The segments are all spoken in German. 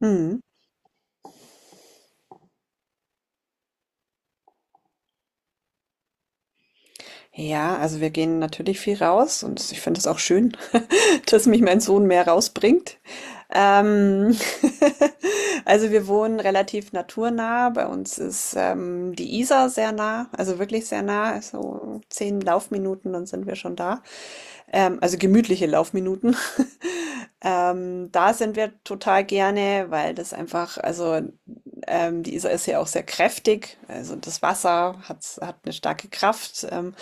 Mhm. Ja, also wir gehen natürlich viel raus und ich finde es auch schön, dass mich mein Sohn mehr rausbringt. Ähm, also wir wohnen relativ naturnah. Bei uns ist die Isar sehr nah, also wirklich sehr nah. So zehn Laufminuten, dann sind wir schon da. Also gemütliche Laufminuten. Da sind wir total gerne, weil das einfach, also die Isar ist ja auch sehr kräftig, also das Wasser hat eine starke Kraft.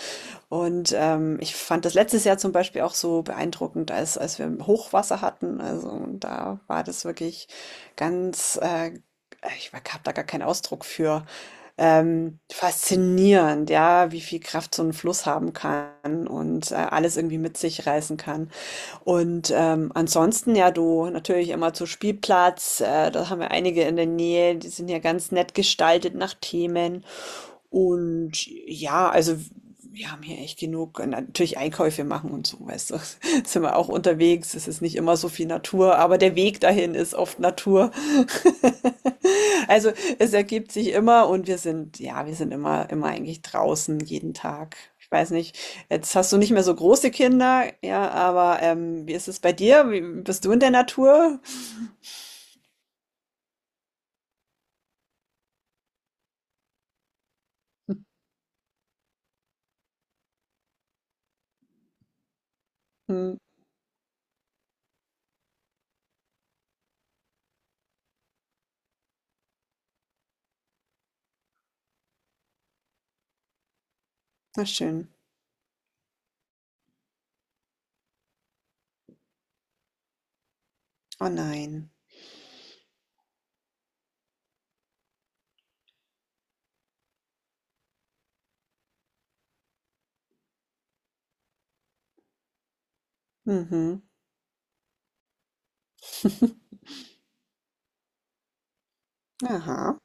Und ich fand das letztes Jahr zum Beispiel auch so beeindruckend, als wir Hochwasser hatten. Also da war das wirklich ganz, äh, ich habe da gar keinen Ausdruck für faszinierend, ja, wie viel Kraft so ein Fluss haben kann und alles irgendwie mit sich reißen kann. Und ansonsten, ja, du natürlich immer zu Spielplatz, da haben wir einige in der Nähe, die sind ja ganz nett gestaltet nach Themen. Und ja, also wir haben hier echt genug, und natürlich Einkäufe machen und so, weißt du, sind wir auch unterwegs, es ist nicht immer so viel Natur, aber der Weg dahin ist oft Natur. Also es ergibt sich immer und wir sind, ja, wir sind immer, immer eigentlich draußen, jeden Tag. Ich weiß nicht, jetzt hast du nicht mehr so große Kinder, ja, aber wie ist es bei dir? Wie, bist du in der Natur? Hm, na schön. Oh nein. Mhm. Aha.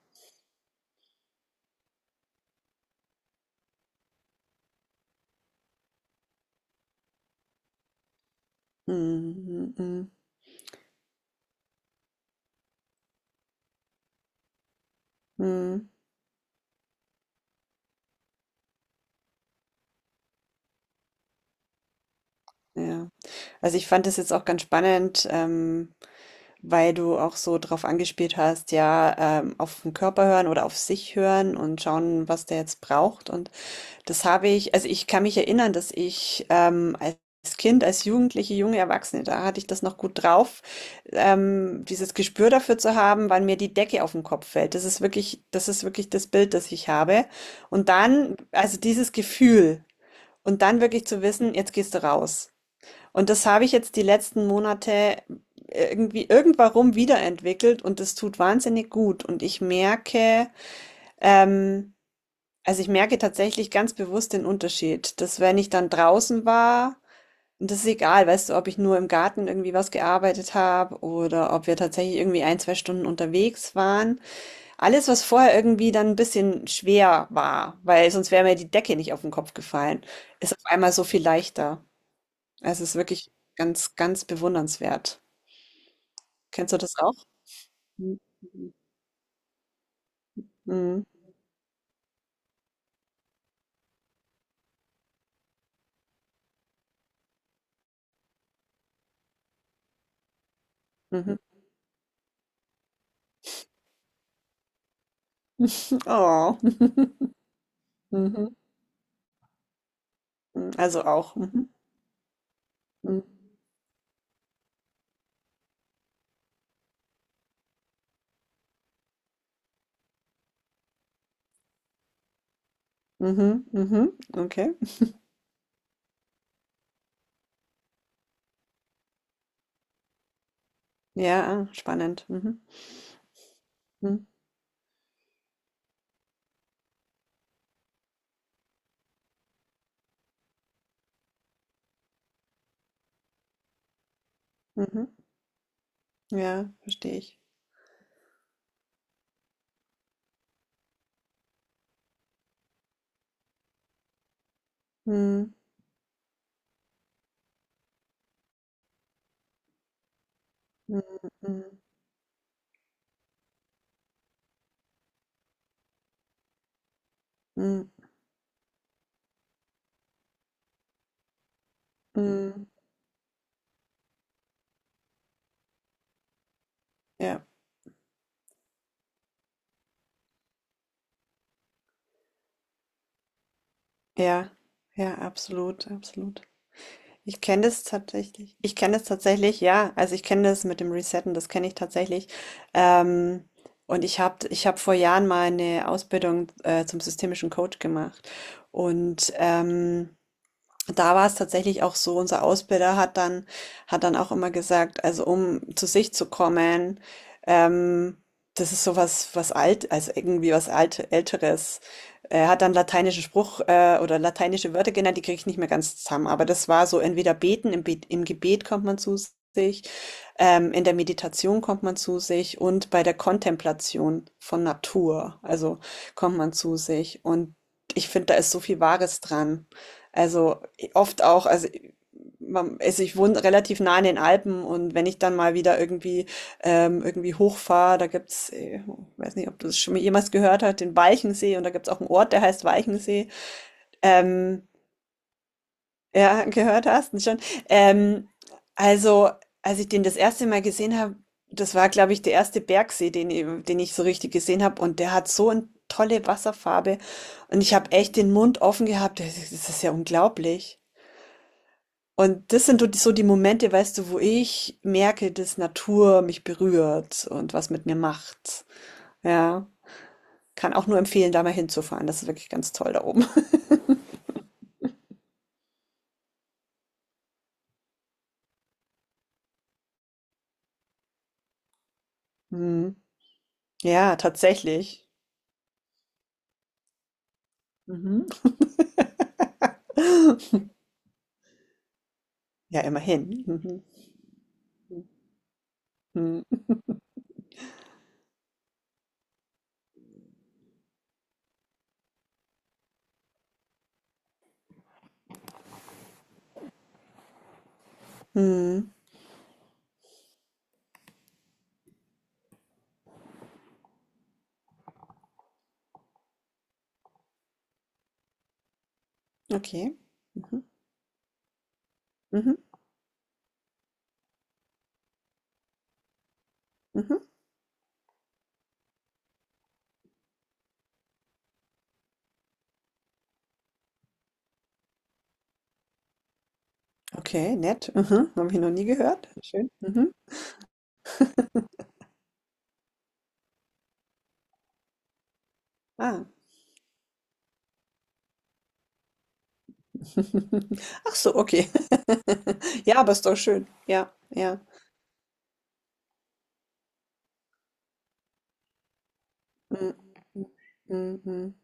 Mhm, mhm, mhm. Mhm, ja. Also, ich fand das jetzt auch ganz spannend, weil du auch so drauf angespielt hast, ja, auf den Körper hören oder auf sich hören und schauen, was der jetzt braucht. Und das habe ich, also ich kann mich erinnern, dass ich als Kind, als Jugendliche, junge Erwachsene, da hatte ich das noch gut drauf, dieses Gespür dafür zu haben, wann mir die Decke auf den Kopf fällt. Das ist wirklich, das ist wirklich das Bild, das ich habe. Und dann, also dieses Gefühl und dann wirklich zu wissen, jetzt gehst du raus. Und das habe ich jetzt die letzten Monate irgendwie irgendwann wiederentwickelt und das tut wahnsinnig gut. Und ich merke, ähm, also ich merke tatsächlich ganz bewusst den Unterschied, dass wenn ich dann draußen war, und das ist egal, weißt du, ob ich nur im Garten irgendwie was gearbeitet habe oder ob wir tatsächlich irgendwie ein, zwei Stunden unterwegs waren. Alles, was vorher irgendwie dann ein bisschen schwer war, weil sonst wäre mir die Decke nicht auf den Kopf gefallen, ist auf einmal so viel leichter. Es ist wirklich ganz, ganz bewundernswert. Kennst du das auch? Mhm. Mhm. Mhm. Oh. Mhm. Mhm. Also auch. Mhm. Mhm. Mhm. Mhm. Okay. Ja, ah, spannend. Mhm. Mhm. Mhm. Ja, verstehe ich. Mhm. Mhm. Mhm. Mhm. Mhm. Ja, ja, ja, absolut, absolut. Ich kenne das tatsächlich. Ich kenne das tatsächlich, ja. Also ich kenne das mit dem Resetten, das kenne ich tatsächlich. Ähm, und ich hab vor Jahren mal eine Ausbildung zum systemischen Coach gemacht. Und da war es tatsächlich auch so, unser Ausbilder hat dann auch immer gesagt, also um zu sich zu kommen, ähm, das ist so was was alt, also irgendwie was alt, Älteres. Er hat dann lateinische Spruch oder lateinische Wörter genannt, die kriege ich nicht mehr ganz zusammen, aber das war so entweder beten, im, Be im Gebet kommt man zu sich, in der Meditation kommt man zu sich und bei der Kontemplation von Natur, also kommt man zu sich. Und ich finde, da ist so viel Wahres dran, also oft auch, also man, also ich wohne relativ nah in den Alpen und wenn ich dann mal wieder irgendwie irgendwie hochfahre, da gibt's, weiß nicht, ob du es schon mal jemals gehört hast, den Walchensee und da gibt's auch einen Ort, der heißt Walchensee. Ähm, ja, gehört hast du schon. Ähm, also als ich den das erste Mal gesehen habe, das war, glaube ich, der erste Bergsee, den ich so richtig gesehen habe und der hat so eine tolle Wasserfarbe und ich habe echt den Mund offen gehabt. Das ist, das ist ja unglaublich. Und das sind so die, so die Momente, weißt du, wo ich merke, dass Natur mich berührt und was mit mir macht. Ja, kann auch nur empfehlen, da mal hinzufahren. Das ist wirklich ganz toll da oben. Mhm. Ja, tatsächlich. Mhm. Ja, immerhin. Mhm. Mhm. Mhm. Okay. Mhm. Mhm. Mhm. Okay, nett. Mhm. Haben wir noch nie gehört. Schön. Mhm. Ah. Ach so, okay. Ja, aber ist doch schön. Ja, ja. Mhm. Mhm. Mhm. Mhm.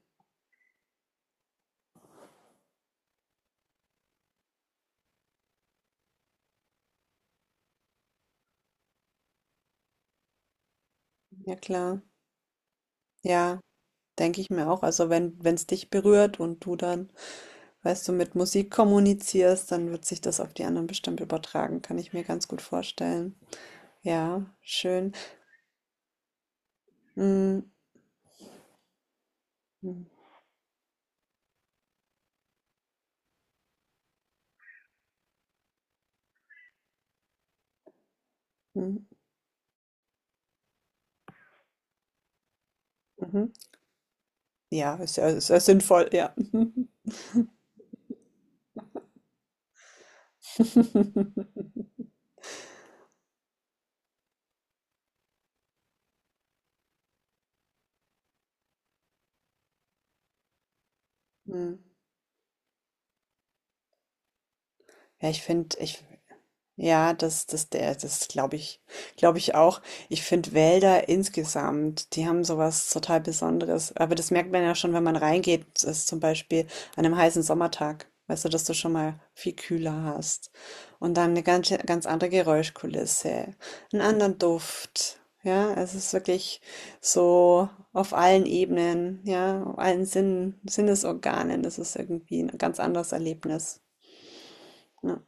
Ja, klar. Ja, denke ich mir auch. Also wenn wenn es dich berührt und du dann, weißt du, mit Musik kommunizierst, dann wird sich das auf die anderen bestimmt übertragen, kann ich mir ganz gut vorstellen. Ja, schön. Mm, mm, mm, mhm. Ja, ist ja, ist ja sinnvoll, ja. Mm. Ja, ich finde, ich, ja, das glaube ich, glaube ich auch. Ich finde Wälder insgesamt, die haben sowas total Besonderes. Aber das merkt man ja schon, wenn man reingeht, das ist zum Beispiel an einem heißen Sommertag, weißt du, dass du schon mal viel kühler hast. Und dann eine ganz, ganz andere Geräuschkulisse, einen anderen Duft. Ja, es ist wirklich so auf allen Ebenen, ja, auf allen Sinnen, Sinnesorganen. Das ist irgendwie ein ganz anderes Erlebnis. Ne?